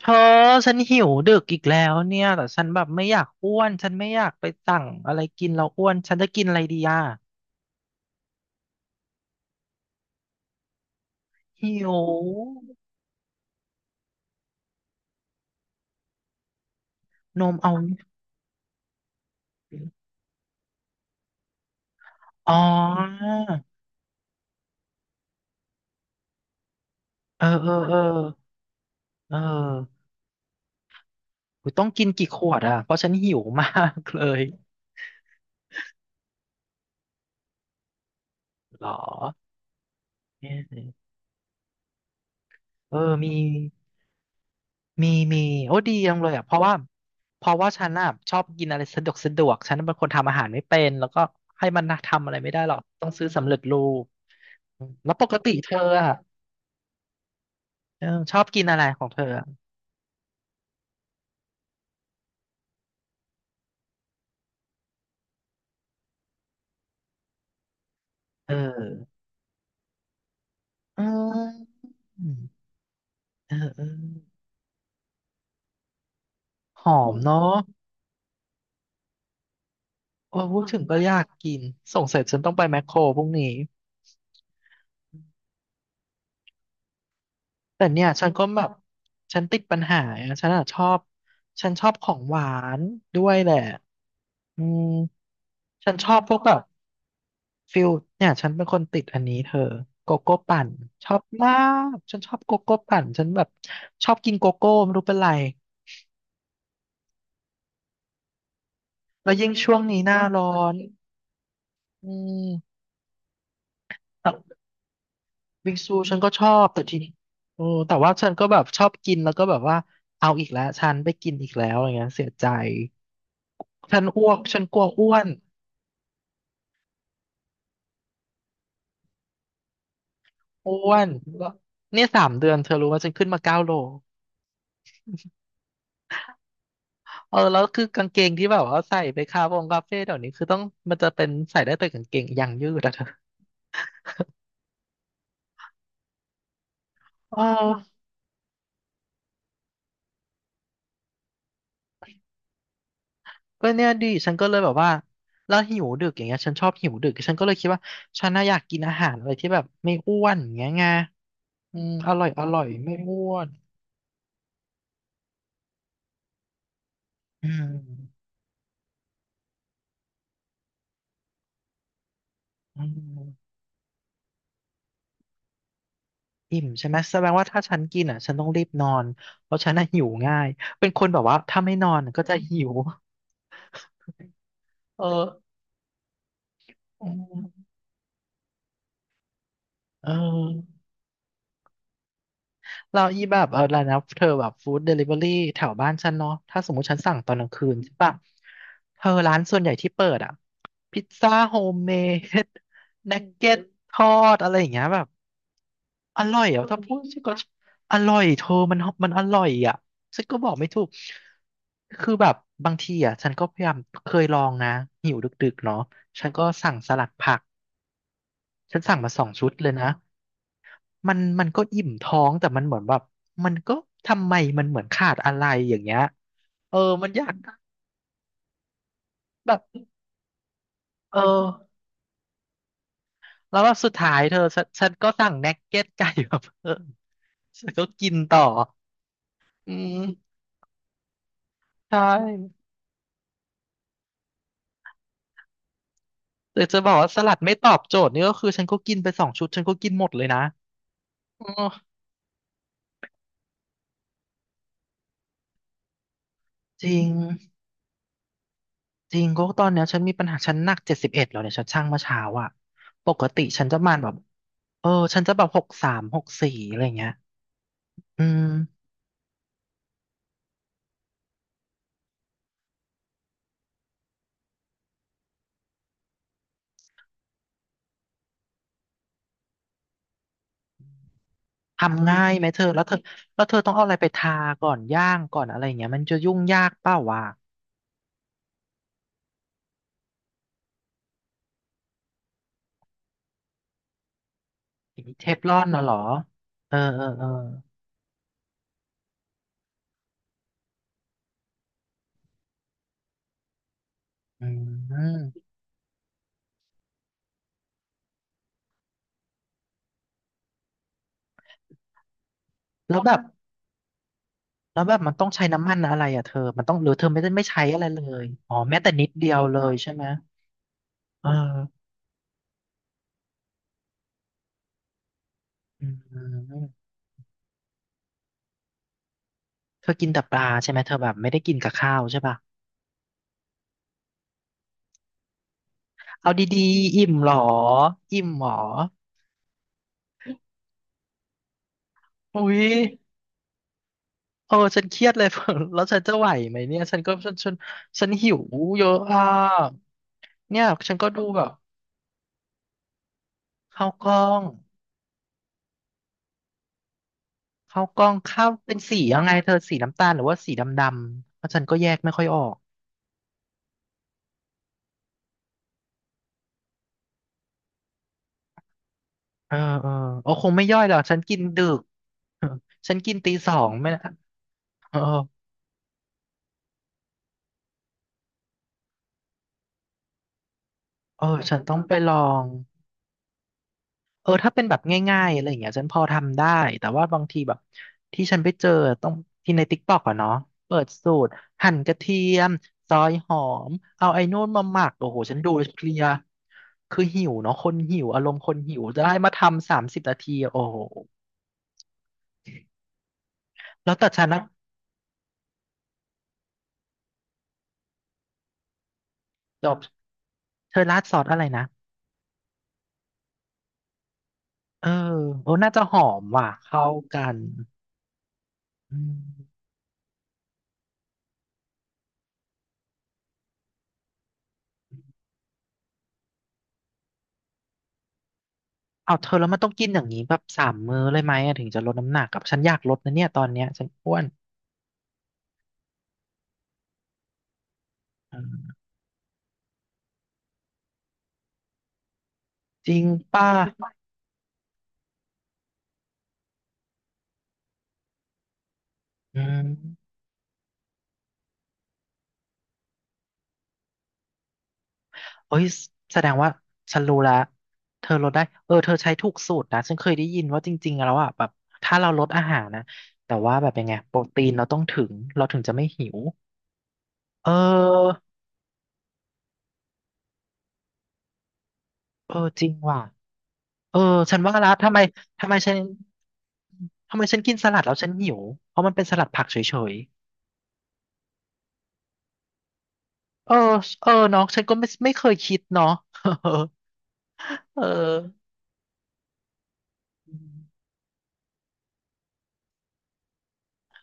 เธอฉันหิวดึกอีกแล้วเนี่ยแต่ฉันแบบไม่อยากอ้วนฉันไม่อยากไปสั่งอะไรกินแล้วอ้วนฉันจะกินอะไรดีอ่ะหิวนมเอาอ๋อเออเออเออเอออุ๊ยต้องกินกี่ขวดอ่ะเพราะฉันหิวมากเลยเหรอเนี่ยเออมีมีมีโอ้ดีจังเลยอ่ะเพราะว่าเพราะว่าฉันอ่ะชอบกินอะไรสะดวกสะดวกฉันเป็นคนทำอาหารไม่เป็นแล้วก็ให้มันทำอะไรไม่ได้หรอกต้องซื้อสำเร็จรูป แล้วปกติเธออ่ะเออชอบกินอะไรของเธออะเอออืมเออเออหอมเนาะโอ้พูดถึงก็อยากกินสงสัยฉันต้องไปแมคโครพรุ่งนี้แต่เนี่ยฉันก็แบบฉันติดปัญหาอะฉันอ่ะชอบฉันชอบของหวานด้วยแหละอืมฉันชอบพวกแบบฟิลเนี่ยฉันเป็นคนติดอันนี้เธอโกโก้ปั่นชอบมากฉันชอบโกโก้ปั่นฉันแบบชอบกินโกโก้ไม่รู้เป็นไร แล้วยิ่งช่วงนี้หน้าร้อนอืมแต่บิงซูฉันก็ชอบแต่ทีโอ้แต่ว่าฉันก็แบบชอบกินแล้วก็แบบว่าเอาอีกแล้วฉันไปกินอีกแล้วอย่างเงี้ยเสียใจฉันอ้วกฉันกลัวอ้วนอ้วนแล้วเนี่ย3 เดือนเธอรู้ว่าฉันขึ้นมา9 โลเออแล้วคือกางเกงที่แบบว่าใส่ไปคาเฟ่เดี๋ยวนี้คือต้องมันจะเป็นใส่ได้แต่กางเกงยางยืดอะเธอเออ ก็เนี่ยดิฉันก็เลยแบบว่าแล้วหิวดึกอย่างเงี้ยฉันชอบหิวดึกฉันก็เลยคิดว่าฉันน่าอยากกินอาหารอะไรที่แบบไม่อ้วนอย่างเงี้ยไงอืมอร่อยอร่อยไม่อ้วนอืมอืมอิ่มใช่ไหมแสดงว่าถ้าฉันกินอ่ะฉันต้องรีบนอนเพราะฉันน่ะหิวง่ายเป็นคนแบบว่าถ้าไม่นอนก็จะหิวเอออืมเออ เราอีแบบเออแล้วนะเธอแบบฟู้ดเดลิเวอรี่แถวบ้านฉันเนาะถ้าสมมติฉันสั่งตอนกลางคืนใช่ปะเธอร้านส่วนใหญ่ที่เปิดอ่ะพิซซ่าโฮมเมดนัอืก มเก็ตทอดอะไรอย่างเงี้ยแบบอร่อยอ่ะอถ้าพูดีฉันก็ะอร่อยเธอมันมันอร่อยอ่ะฉันก็บอกไม่ถูกคือแบบบางทีอ่ะฉันก็พยายามเคยลองนะหิวดึกๆเนาะฉันก็สั่งสลัดผักฉันสั่งมาสองชุดเลยนะ มันมันก็อิ่มท้องแต่มันเหมือนแบบมันก็ทำไมมันเหมือนขาดอะไรอย่างเงี้ยเออมันอยากแบบเออแล้วแบบสุดท้ายเธอฉันฉันก็สั่งนักเก็ตไก่มา เพิ่มฉันก็กินต่ออืมใช่แต่จะบอกว่าสลัดไม่ตอบโจทย์นี่ก็คือฉันก็กินไปสองชุดฉันก็กินหมดเลยนะอ๋อจริงจริงก็ตอนเนี้ยฉันมีปัญหาฉันหนัก71แล้วเนี่ยฉันชั่งเมื่อเช้าอ่ะปกติฉันจะประมาณแบบเออฉันจะแบบ63 64อะไรเงี้ยอืม ทำง่ายไหมเธอแล้วเธอต้องเอาอะไรไปทาก่อนย่างก่อนอะไรอย่างเงี้ยมันจะยุ่งยากเปล่าวะอันนี้เทฟลอนน่ะเหรอเออเออเอออืมแล้วแบบแล้วแบบมันต้องใช้น้ำมันอะไรอ่ะเธอมันต้องหรือเธอไม่ได้ไม่ใช้อะไรเลยอ๋อแม้แต่นิดเดียวเลยใช่ไหมเอออืมเธอกินแต่ปลาใช่ไหมเธอแบบไม่ได้กินกับข้าวใช่ป่ะเอาดีๆอิ่มเหรออิ่มเหรออุ้ย เออฉันเครียดเลย แล้วฉันจะไหวไหมเนี่ยฉันก็ฉันฉันหิวเยอะอ่ะเนี่ยฉันก็ดูแบบข้าวกล้องข้าวกล้องข้าวเป็นสียังไงเธอสีน้ำตาลหรือว่าสีดำดำเพราะฉันก็แยกไม่ค่อยออกเออเออเออคงไม่ย่อยหรอกฉันกินดึก ฉันกินตีสองไม่นะเออเออฉันต้องไปลอง เออถ้าเป็นแบบง่ายๆอะไรอย่างเงี้ยฉันพอทำได้แต่ว่าบางทีแบบที่ฉันไปเจอต้องที่ในติ๊กต็อกอะเนาะเปิดสูตรหั่นกระเทียมซอยหอมเอาไอ้นู่นมาหมักโอ้โหฉันดูแล้วเพลียคือหิวเนาะคนหิวอารมณ์คนหิวจะให้มาทำ30 นาทีโอ้โหแล้วแต่ฉันนะจบเธอราดซอสอะไรนะเออโอ้น่าจะหอมว่ะเข้ากันอืมเอาเธอแล้วมันต้องกินอย่างนี้แบบ3 มื้อเลยไหมอะถึงจะลดน้ำหนักกับฉันอยากลดนะเนี่ยตอนเนี้ยฉันอ้วน จริงป่ะอืมเอ้ยแสดงว่าฉันรู้แล้ว เธอลดได้เออเธอใช้ถูกสูตรนะฉันเคยได้ยินว่าจริงๆแล้วอ่ะแบบถ้าเราลดอาหารนะ แต่ว่าแบบยังไงโปรตีนเราต้องเราถึงจะไม่หิวเออเออจริงว่ะเออฉันว่าและทำไมทำไมฉันทำไมฉันกินสลัดแล้วฉันหิวเพราะมันเป็นสลัดผักเฉยๆเออเออเนาะฉันก็ไม่เคยคิดเนาะ เออ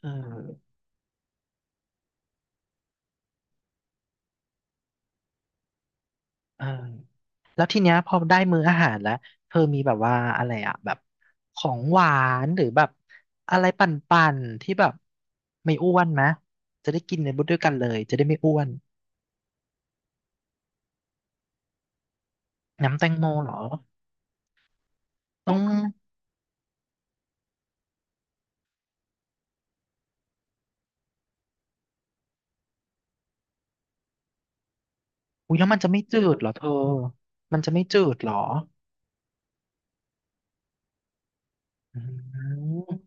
อเออ แล้วทีเนี้ยพอได้มื้ออาหารแล้วเธอมีแบบว่าอะไรอะแบบของหวานหรือแบบอะไรปั่นๆที่แบบไม่อ้วนไหมจะได้กินในบุดด้วยกันเลยจะได้ไม่อ้วนน้ำแตงโมเหรอต้องอุ้ยแล้วมันจะไม่จืดเหรอเธอมันจะไม่จืดเหรออืม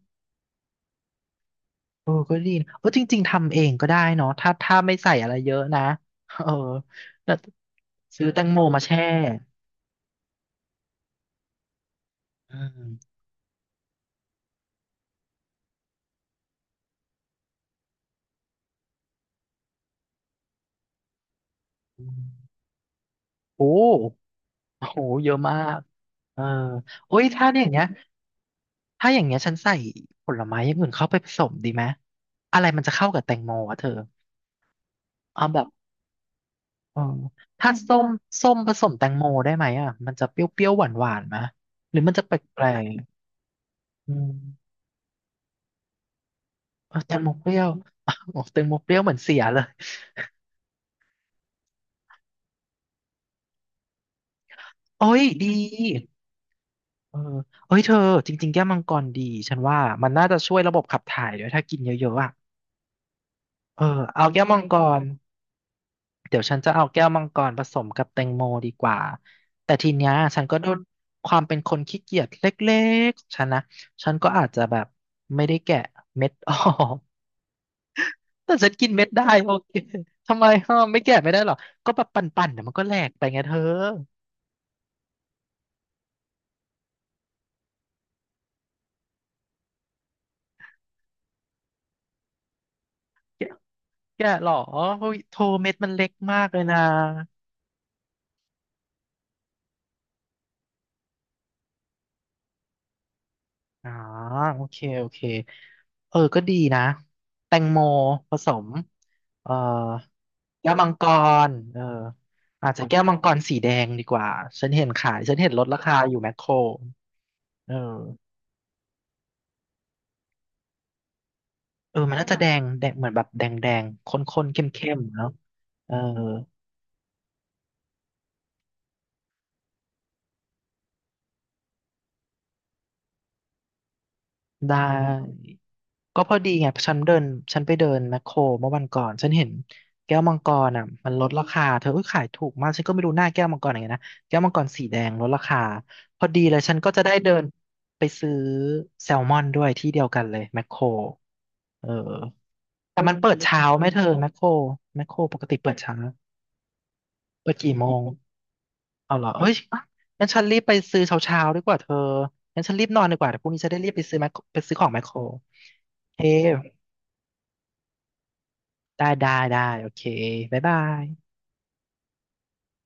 เออก็ดีนะเออจริงๆทำเองก็ได้เนาะถ้าไม่ใส่อะไรเยอะนะเออแล้วซื้อแตงโมมาแช่อืมโอ้ โอ้โหเยอะมากเออโอ้ยถ้าเนี่ยอย่างเงี้ยถ้าอย่างเงี้ยฉันใส่ผลไม้อย่างอื่นเข้าไปผสมดีไหมอะไรมันจะเข้ากับแตงโมอ่ะเธอเอาแบบเออถ้าส้มส้มผสมแตงโมได้ไหมอ่ะมันจะเปรี้ยวๆหวานๆวานไหมหรือมันจะแปลกๆอืมเอาแตงโมเปรี้ยว อ้าวแตงโมเปรี้ยวเหมือนเสียเลยโอ้ยดีเออเอ้ยเธอจริงๆแก้วมังกรดีฉันว่ามันน่าจะช่วยระบบขับถ่ายด้วยถ้ากินเยอะๆอ่ะเออเอาแก้วมังกร เดี๋ยวฉันจะเอาแก้วมังกรผสมกับแตงโมดีกว่า แต่ทีเนี้ยฉันก็โดนความเป็นคนขี้เกียจเล็กๆของฉันนะฉันก็อาจจะแบบไม่ได้แกะเม็ดออก แต่ฉันกินเม็ดได้โอเคทำไมฮะไม่แกะไม่ได้หรอก็แบบปั่นๆเดี๋ยวมันก็แหลกไปไงเธอ แกะแกะหรอโอ้ยโทเม็ดมันเล็กมากเลยนะ อ่าโอเคเออก็ดีนะแตงโมผสมเอ่อแก้วมังกรเอออาจจะแก้วมังกรสีแดงดีกว่าฉันเห็นขายฉันเห็นลดราคาอยู่แมคโครเออเออมันน่าจะแดงแดงเหมือนแบบแดงแดงข้นๆเข้มๆเนาะเออ ได้ก็พอดีไงฉันไปเดินแมคโครเมื่อวันก่อนฉันเห็นแก้วมังกรอ่ะมันลดราคาเธอเอ้ยขายถูกมากฉันก็ไม่รู้หน้าแก้วมังกรอย่างไงนะแก้วมังกรสีแดงลดราคาพอดีเลยฉันก็จะได้เดินไปซื้อแซลมอนด้วยที่เดียวกันเลยแมคโครเออแต่มันเปิดเช้าไหมเธอแมคโครปกติเปิดเช้าเปิดกี่โมง เอาเหรอเอ้ยงั้นฉันรีบไปซื้อเช้าๆดีกว่าเธองั้นฉันรีบนอนดีกว่าเดี๋ยวพรุ่งนี้จะได้รีบไปซื้อแมคโครไปซื้อของแมคโครโอเคได้ได้ได้โอเคบ๊ายบาย